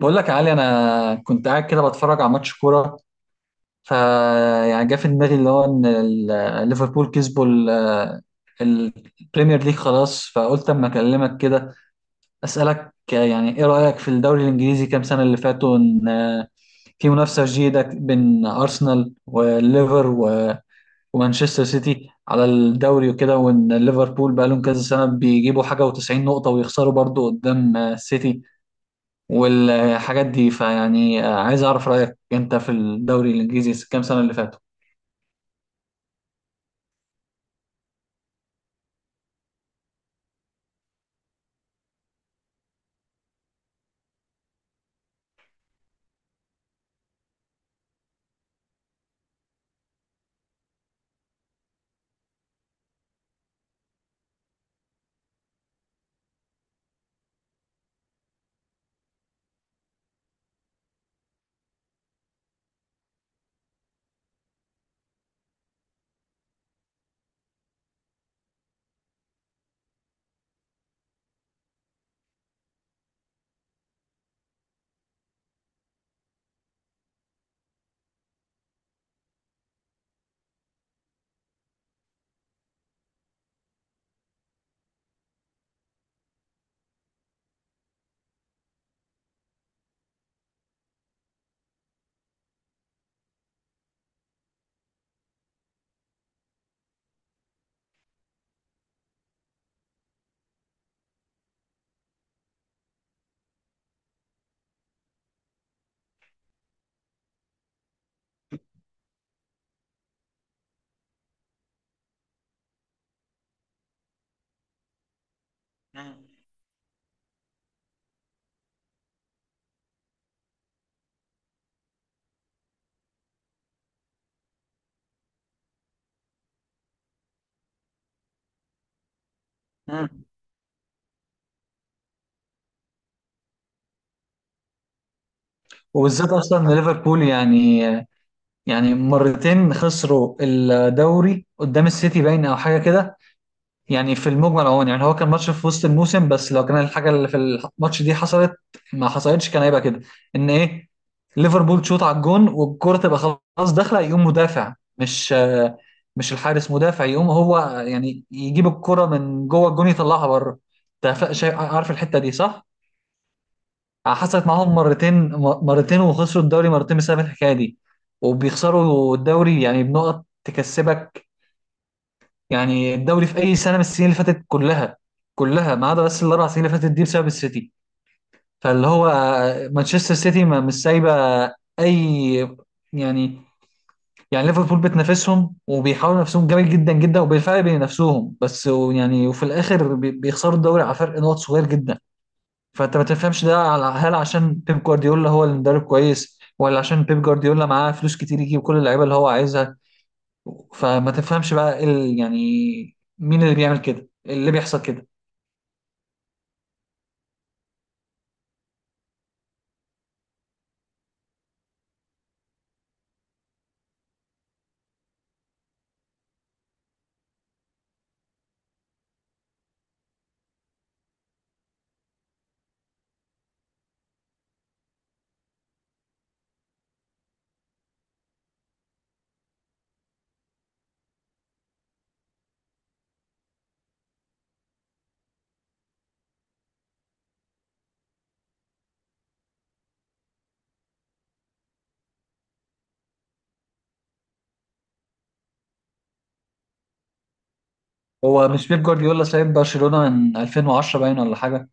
بقول لك يا علي، انا كنت قاعد كده بتفرج على ماتش كوره. ف يعني جه في دماغي اللي هو ان ليفربول كسبوا البريمير ليج خلاص، فقلت اما اكلمك كده اسالك يعني ايه رايك في الدوري الانجليزي كام سنه اللي فاتوا، ان في منافسه جيده بين ارسنال والليفر ومانشستر سيتي على الدوري وكده، وان ليفربول بقى لهم كذا سنه بيجيبوا حاجه و90 نقطه ويخسروا برضو قدام السيتي والحاجات دي. فيعني عايز اعرف رايك انت في الدوري الانجليزي كام سنه اللي فاتوا. مم. وبالذات اصلا إن ليفربول يعني مرتين خسروا الدوري قدام السيتي باين او حاجه كده. يعني في المجمل اهو، يعني هو كان ماتش في وسط الموسم، بس لو كان الحاجه اللي في الماتش دي حصلت ما حصلتش كان هيبقى كده ان ايه: ليفربول تشوط على الجون والكره تبقى خلاص داخله، يقوم مدافع مش الحارس، مدافع يقوم هو يعني يجيب الكره من جوه الجون يطلعها بره. انت شايف، عارف الحته دي صح؟ حصلت معاهم مرتين. مرتين وخسروا الدوري مرتين بسبب الحكايه دي. وبيخسروا الدوري يعني بنقط تكسبك، يعني الدوري في اي سنه من السنين اللي فاتت كلها، كلها ما عدا بس الاربع سنين اللي فاتت دي بسبب السيتي. فاللي هو مانشستر سيتي ما مش سايبه اي يعني. يعني ليفربول بتنافسهم وبيحاولوا نفسهم جامد جدا جدا وبالفعل بينافسوهم، بس يعني وفي الاخر بيخسروا الدوري على فرق نقط صغير جدا. فانت ما تفهمش ده، هل عشان بيب جوارديولا هو المدرب كويس ولا عشان بيب جوارديولا معاه فلوس كتير يجيب كل اللعيبه اللي هو عايزها؟ فما تفهمش بقى إيه يعني مين اللي بيعمل كده، إيه اللي بيحصل كده. هو مش بيب جوارديولا سايب برشلونة من 2010 باين ولا حاجة؟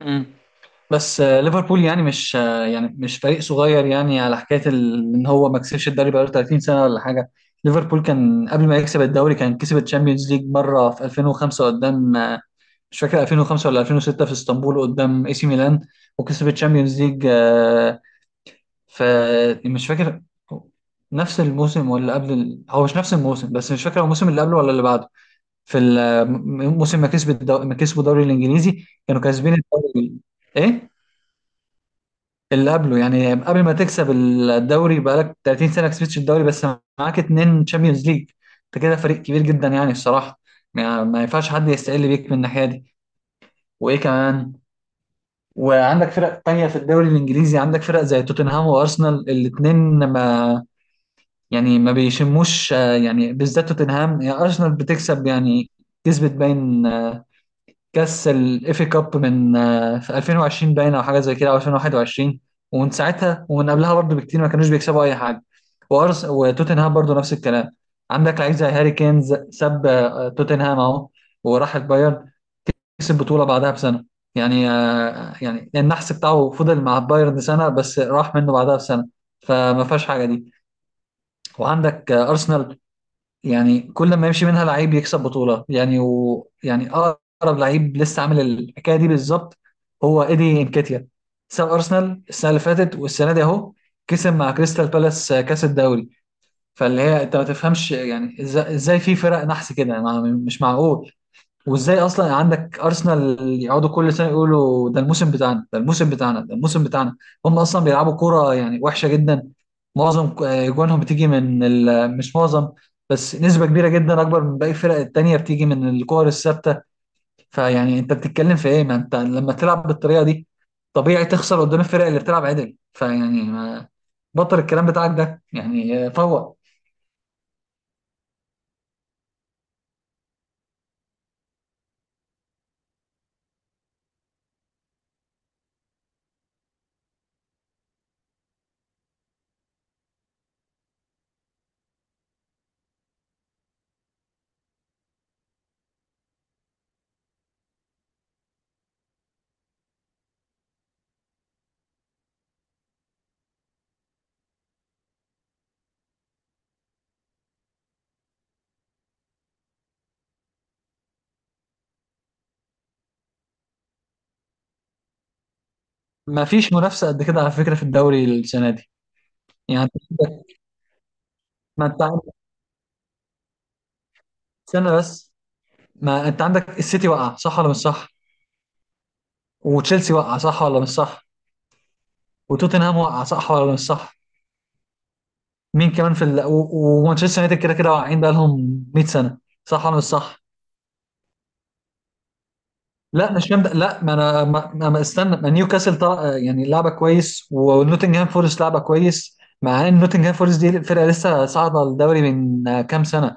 مم. بس ليفربول يعني مش يعني مش فريق صغير يعني على حكايه ان هو ما كسبش الدوري بقاله 30 سنه ولا حاجه. ليفربول كان قبل ما يكسب الدوري كان كسب الشامبيونز ليج مره في 2005 قدام، مش فاكر 2005 ولا 2006، في اسطنبول قدام اي سي ميلان، وكسب الشامبيونز ليج. فمش فاكر نفس الموسم ولا قبل هو مش نفس الموسم بس مش فاكر هو الموسم اللي قبله ولا اللي بعده. في الموسم ما كسب ما كسبوا الدوري الانجليزي كانوا كاسبين الدوري. ايه؟ اللي قبله؟ يعني قبل ما تكسب الدوري بقالك 30 سنه ما كسبتش الدوري، بس معاك اتنين تشامبيونز ليج. انت كده فريق كبير جدا يعني الصراحه، ما ينفعش حد يستقل بيك من الناحيه دي. وايه كمان، وعندك فرق تانية في الدوري الانجليزي، عندك فرق زي توتنهام وارسنال الاتنين ما يعني ما بيشموش. يعني بالذات توتنهام، يعني ارسنال بتكسب يعني، كسبت باين كاس الاف كاب من، في 2020 باين او حاجه زي كده او 2021، ومن ساعتها ومن قبلها برضه بكتير ما كانوش بيكسبوا اي حاجه. وارس وتوتنهام برضه نفس الكلام. عندك لعيب زي هاري كين، ساب توتنهام اهو وراح البايرن، كسب بطوله بعدها بسنه. يعني يعني النحس بتاعه فضل مع البايرن سنه بس، راح منه بعدها بسنه، فما فيهاش حاجه دي. وعندك ارسنال، يعني كل ما يمشي منها لعيب يكسب بطولة يعني، ويعني أقرب لعيب لسه عامل الحكاية دي بالظبط هو إيدي إنكيتيا، ساب أرسنال السنة اللي فاتت والسنة دي أهو كسب مع كريستال بالاس كأس الدوري. فاللي هي أنت ما تفهمش يعني إزاي في فرق نحس كده، مش معقول. وازاي اصلا عندك ارسنال يقعدوا كل سنه يقولوا ده الموسم بتاعنا، ده الموسم بتاعنا، ده الموسم بتاعنا، هم اصلا بيلعبوا كوره يعني وحشه جدا؟ معظم جوانهم بتيجي من ال... آه، مش معظم بس نسبه كبيره جدا اكبر من باقي الفرق التانيه بتيجي من الكور الثابته. فيعني انت بتتكلم في ايه؟ ما انت لما تلعب بالطريقه دي طبيعي تخسر قدام الفرق اللي بتلعب عدل، فيعني ما... بطل الكلام بتاعك ده يعني فوق. ما فيش منافسه قد كده على فكره في الدوري السنه دي. يعني ما انت عندك سنه بس، ما انت عندك السيتي وقع، صح ولا مش صح؟ وتشيلسي وقع، صح ولا مش صح؟ وتوتنهام وقع، صح ولا مش صح؟ مين كمان في ومانشستر يونايتد كده كده واقعين بقى لهم 100 سنه، صح ولا مش صح؟ لا، مش فاهم لا، ما انا ما استنى، ما نيوكاسل طلع يعني لعبه كويس ونوتنجهام فورست لعبه كويس، مع ان نوتنجهام فورست دي فرقه لسه صاعده الدوري من كام سنه.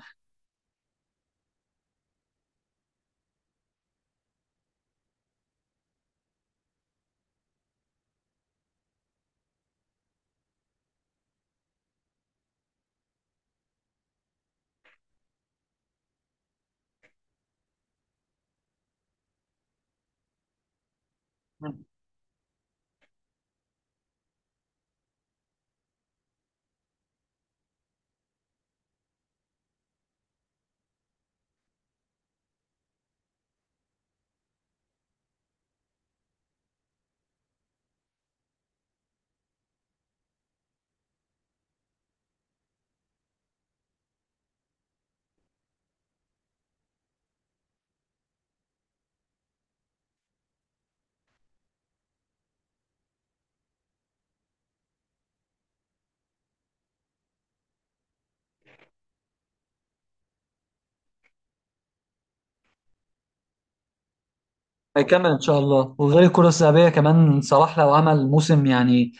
هيكمل ان شاء الله، وغير الكره الذهبيه كمان صلاح لو عمل موسم، يعني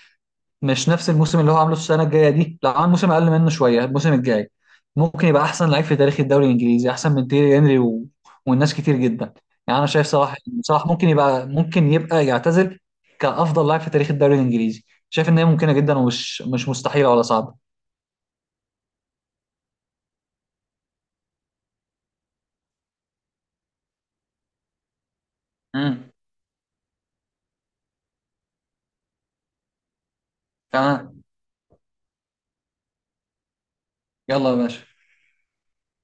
مش نفس الموسم اللي هو عامله السنه الجايه دي، لا عامل موسم اقل منه شويه الموسم الجاي، ممكن يبقى احسن لعيب في تاريخ الدوري الانجليزي، احسن من تيري هنري والناس كتير جدا. يعني انا شايف صلاح، صلاح ممكن يبقى يعتزل كافضل لاعب في تاريخ الدوري الانجليزي. شايف ان هي ممكنه جدا ومش مش مستحيله ولا صعبه. امم. تمام، يلا يا باشا.